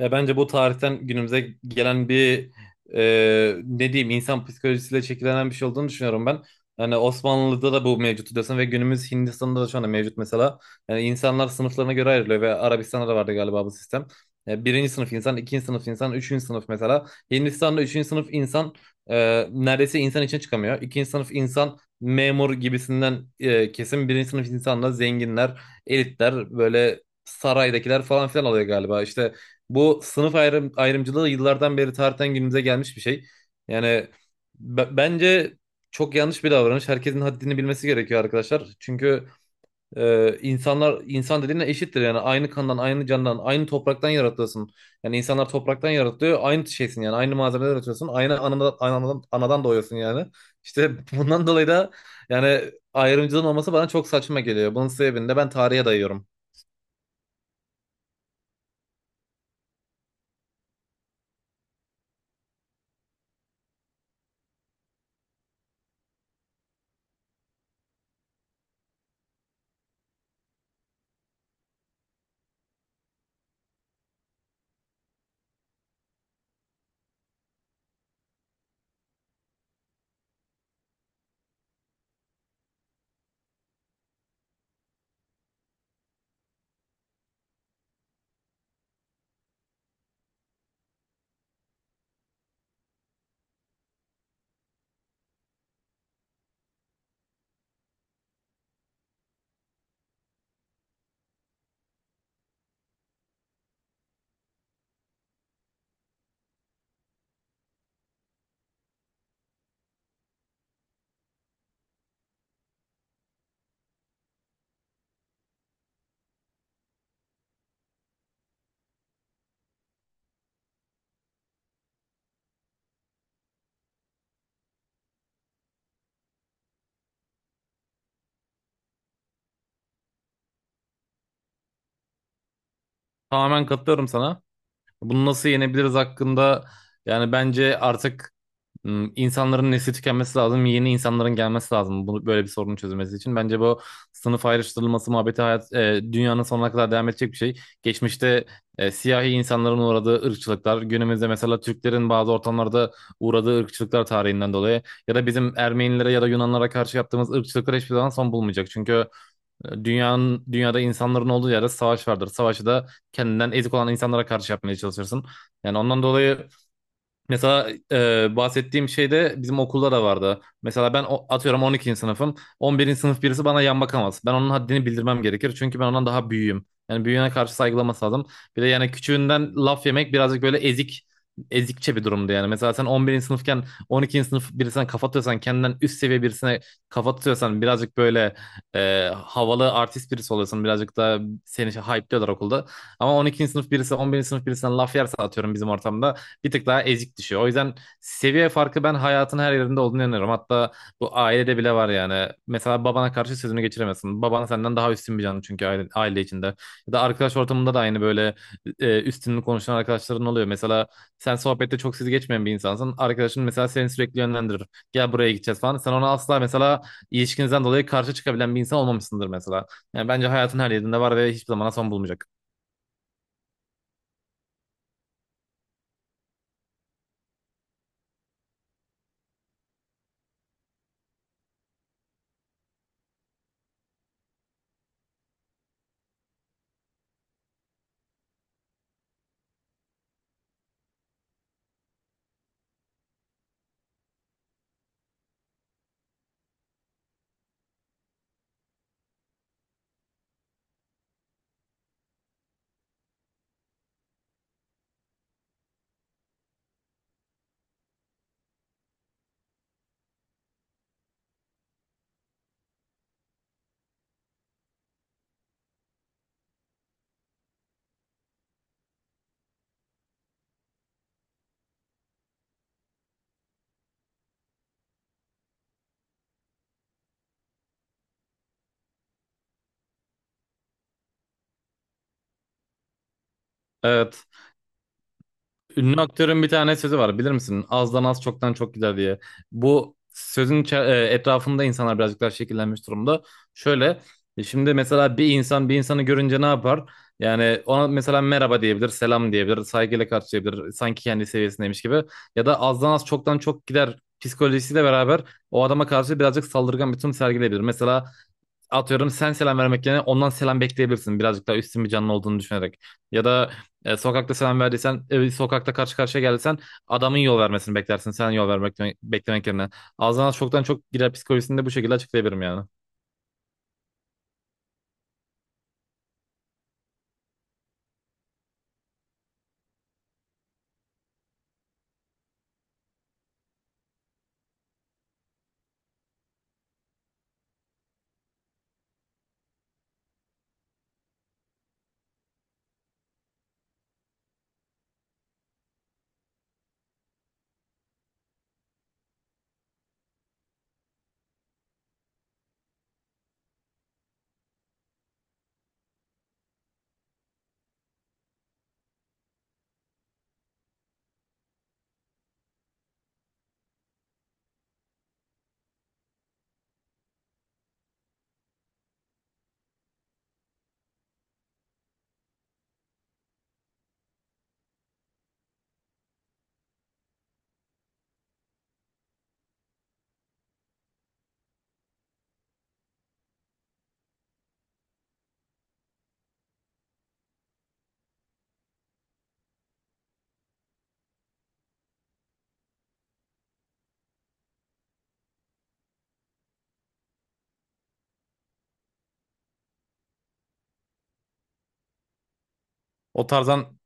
Ya bence bu tarihten günümüze gelen bir ne diyeyim insan psikolojisiyle şekillenen bir şey olduğunu düşünüyorum ben. Yani Osmanlı'da da bu mevcut diyorsun ve günümüz Hindistan'da da şu anda mevcut mesela. Yani insanlar sınıflarına göre ayrılıyor ve Arabistan'da da vardı galiba bu sistem. Birinci sınıf insan, ikinci sınıf insan, üçüncü sınıf mesela. Hindistan'da üçüncü sınıf insan neredeyse insan için çıkamıyor. İkinci sınıf insan memur gibisinden kesim. Birinci sınıf insanla zenginler, elitler, böyle saraydakiler falan filan oluyor galiba. İşte bu ayrımcılığı yıllardan beri tarihten günümüze gelmiş bir şey. Yani bence çok yanlış bir davranış. Herkesin haddini bilmesi gerekiyor arkadaşlar. Çünkü insanlar insan dediğine eşittir. Yani aynı kandan, aynı candan, aynı topraktan yaratılıyorsun. Yani insanlar topraktan yaratılıyor. Aynı şeysin yani. Aynı malzemeden yaratıyorsun. Aynı anadan, anadan doğuyorsun yani. İşte bundan dolayı da yani ayrımcılığın olması bana çok saçma geliyor. Bunun sebebini de ben tarihe dayıyorum. Tamamen katılıyorum sana. Bunu nasıl yenebiliriz hakkında yani bence artık insanların nesli tükenmesi lazım. Yeni insanların gelmesi lazım. Bunu böyle bir sorunun çözülmesi için. Bence bu sınıf ayrıştırılması muhabbeti dünyanın sonuna kadar devam edecek bir şey. Geçmişte siyahi insanların uğradığı ırkçılıklar, günümüzde mesela Türklerin bazı ortamlarda uğradığı ırkçılıklar tarihinden dolayı ya da bizim Ermenilere ya da Yunanlara karşı yaptığımız ırkçılıklar hiçbir zaman son bulmayacak. Çünkü dünyada insanların olduğu yerde savaş vardır. Savaşı da kendinden ezik olan insanlara karşı yapmaya çalışırsın. Yani ondan dolayı mesela bahsettiğim şey de bizim okulda da vardı. Mesela ben atıyorum 12. sınıfım. 11. sınıf birisi bana yan bakamaz. Ben onun haddini bildirmem gerekir. Çünkü ben ondan daha büyüğüm. Yani büyüğüne karşı saygılaması lazım. Bir de yani küçüğünden laf yemek birazcık böyle ezikçe bir durumdu yani. Mesela sen 11. sınıfken 12. sınıf birisine kafa tutuyorsan kendinden üst seviye birisine kafa tutuyorsan birazcık böyle havalı artist birisi oluyorsun. Birazcık da seni şey hype'liyorlar okulda. Ama 12. sınıf birisi 11. sınıf birisinden laf yerse atıyorum bizim ortamda bir tık daha ezik düşüyor. O yüzden seviye farkı ben hayatın her yerinde olduğunu inanıyorum. Hatta bu ailede bile var yani. Mesela babana karşı sözünü geçiremezsin. Baban senden daha üstün bir canlı çünkü aile içinde. Ya da arkadaş ortamında da aynı böyle üstünlük konuşan arkadaşların oluyor. Mesela sen sohbette çok sizi geçmeyen bir insansın. Arkadaşın mesela seni sürekli yönlendirir. Gel buraya gideceğiz falan. Sen ona asla mesela ilişkinizden dolayı karşı çıkabilen bir insan olmamışsındır mesela. Yani bence hayatın her yerinde var ve hiçbir zaman son bulmayacak. Evet. Ünlü aktörün bir tane sözü var bilir misin? Azdan az çoktan çok gider diye. Bu sözün etrafında insanlar birazcık daha şekillenmiş durumda. Şöyle şimdi mesela bir insan bir insanı görünce ne yapar? Yani ona mesela merhaba diyebilir, selam diyebilir, saygıyla karşılayabilir. Sanki kendi seviyesindeymiş gibi. Ya da azdan az çoktan çok gider psikolojisiyle beraber o adama karşı birazcık saldırgan bir tutum sergileyebilir. Mesela atıyorum sen selam vermek yerine ondan selam bekleyebilirsin. Birazcık daha üstün bir canlı olduğunu düşünerek. Ya da sokakta selam verdiysen, sokakta karşı karşıya geldiysen adamın yol vermesini beklersin. Sen yol vermek beklemek yerine. Ağzından çoktan çok girer psikolojisini de bu şekilde açıklayabilirim yani. O tarzdan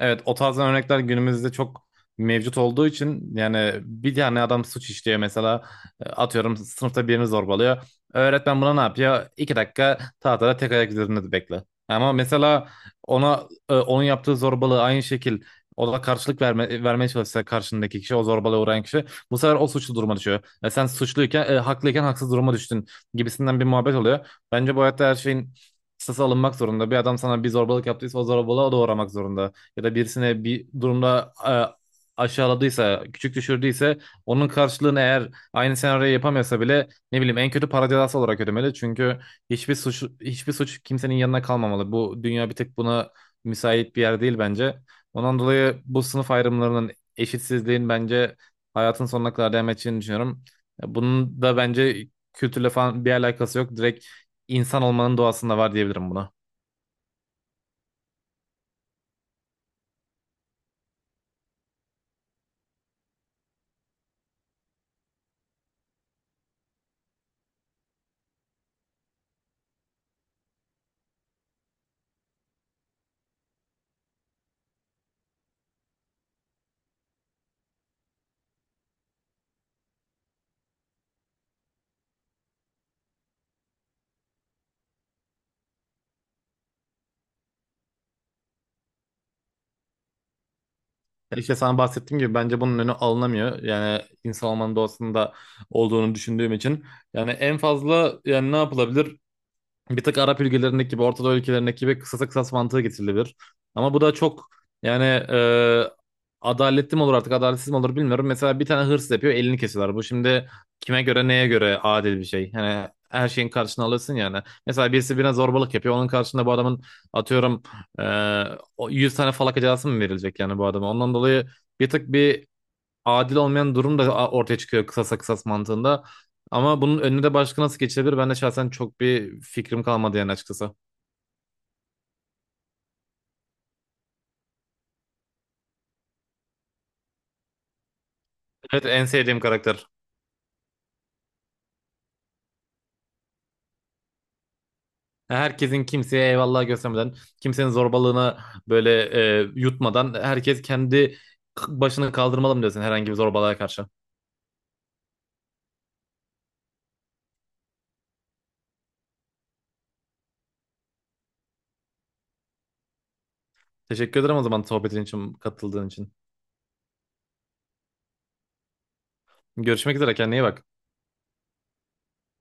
Evet, o tarzdan örnekler günümüzde çok mevcut olduğu için yani bir tane adam suç işliyor mesela. Atıyorum sınıfta birini zorbalıyor. Öğretmen buna ne yapıyor? İki dakika tahtada tek ayak üzerinde bekle. Ama mesela ona onun yaptığı zorbalığı aynı şekil o da vermeye çalışsa karşındaki kişi, o zorbalığa uğrayan kişi, bu sefer o suçlu duruma düşüyor. Sen haklıyken haksız duruma düştün gibisinden bir muhabbet oluyor. Bence bu hayatta her şeyin kısası alınmak zorunda. Bir adam sana bir zorbalık yaptıysa o zorbalığa o da uğramak zorunda ya da birisine bir durumda aşağıladıysa, küçük düşürdüyse onun karşılığını, eğer aynı senaryoyu yapamıyorsa bile, ne bileyim, en kötü para cezası olarak ödemeli. Çünkü hiçbir suç kimsenin yanına kalmamalı. Bu dünya bir tek buna müsait bir yer değil bence. Ondan dolayı bu sınıf ayrımlarının, eşitsizliğin bence hayatın sonuna kadar devam edeceğini düşünüyorum. Bunun da bence kültürle falan bir alakası yok. Direkt insan olmanın doğasında var diyebilirim buna. Ya İşte sana bahsettiğim gibi bence bunun önü alınamıyor. Yani insan olmanın doğasında olduğunu düşündüğüm için. Yani en fazla yani ne yapılabilir? Bir tık Arap ülkelerindeki gibi, Orta Doğu ülkelerindeki gibi kısasa kısas mantığı getirilebilir. Ama bu da çok yani adaletli mi olur artık adaletsiz mi olur bilmiyorum. Mesela bir tane hırsız yapıyor, elini kesiyorlar. Bu şimdi kime göre neye göre adil bir şey. Yani her şeyin karşına alırsın yani. Mesela birisi birine zorbalık yapıyor. Onun karşında bu adamın atıyorum e, o 100 tane falaka cezası mı verilecek yani bu adama. Ondan dolayı bir adil olmayan durum da ortaya çıkıyor kısasa kısas mantığında. Ama bunun önüne de başka nasıl geçilebilir? Ben de şahsen çok bir fikrim kalmadı yani açıkçası. Evet, en sevdiğim karakter. Herkesin kimseye eyvallah göstermeden, kimsenin zorbalığına böyle yutmadan herkes kendi başını kaldırmalı mı diyorsun herhangi bir zorbalığa karşı. Teşekkür ederim o zaman sohbetin için, katıldığın için. Görüşmek üzere, kendine iyi bak.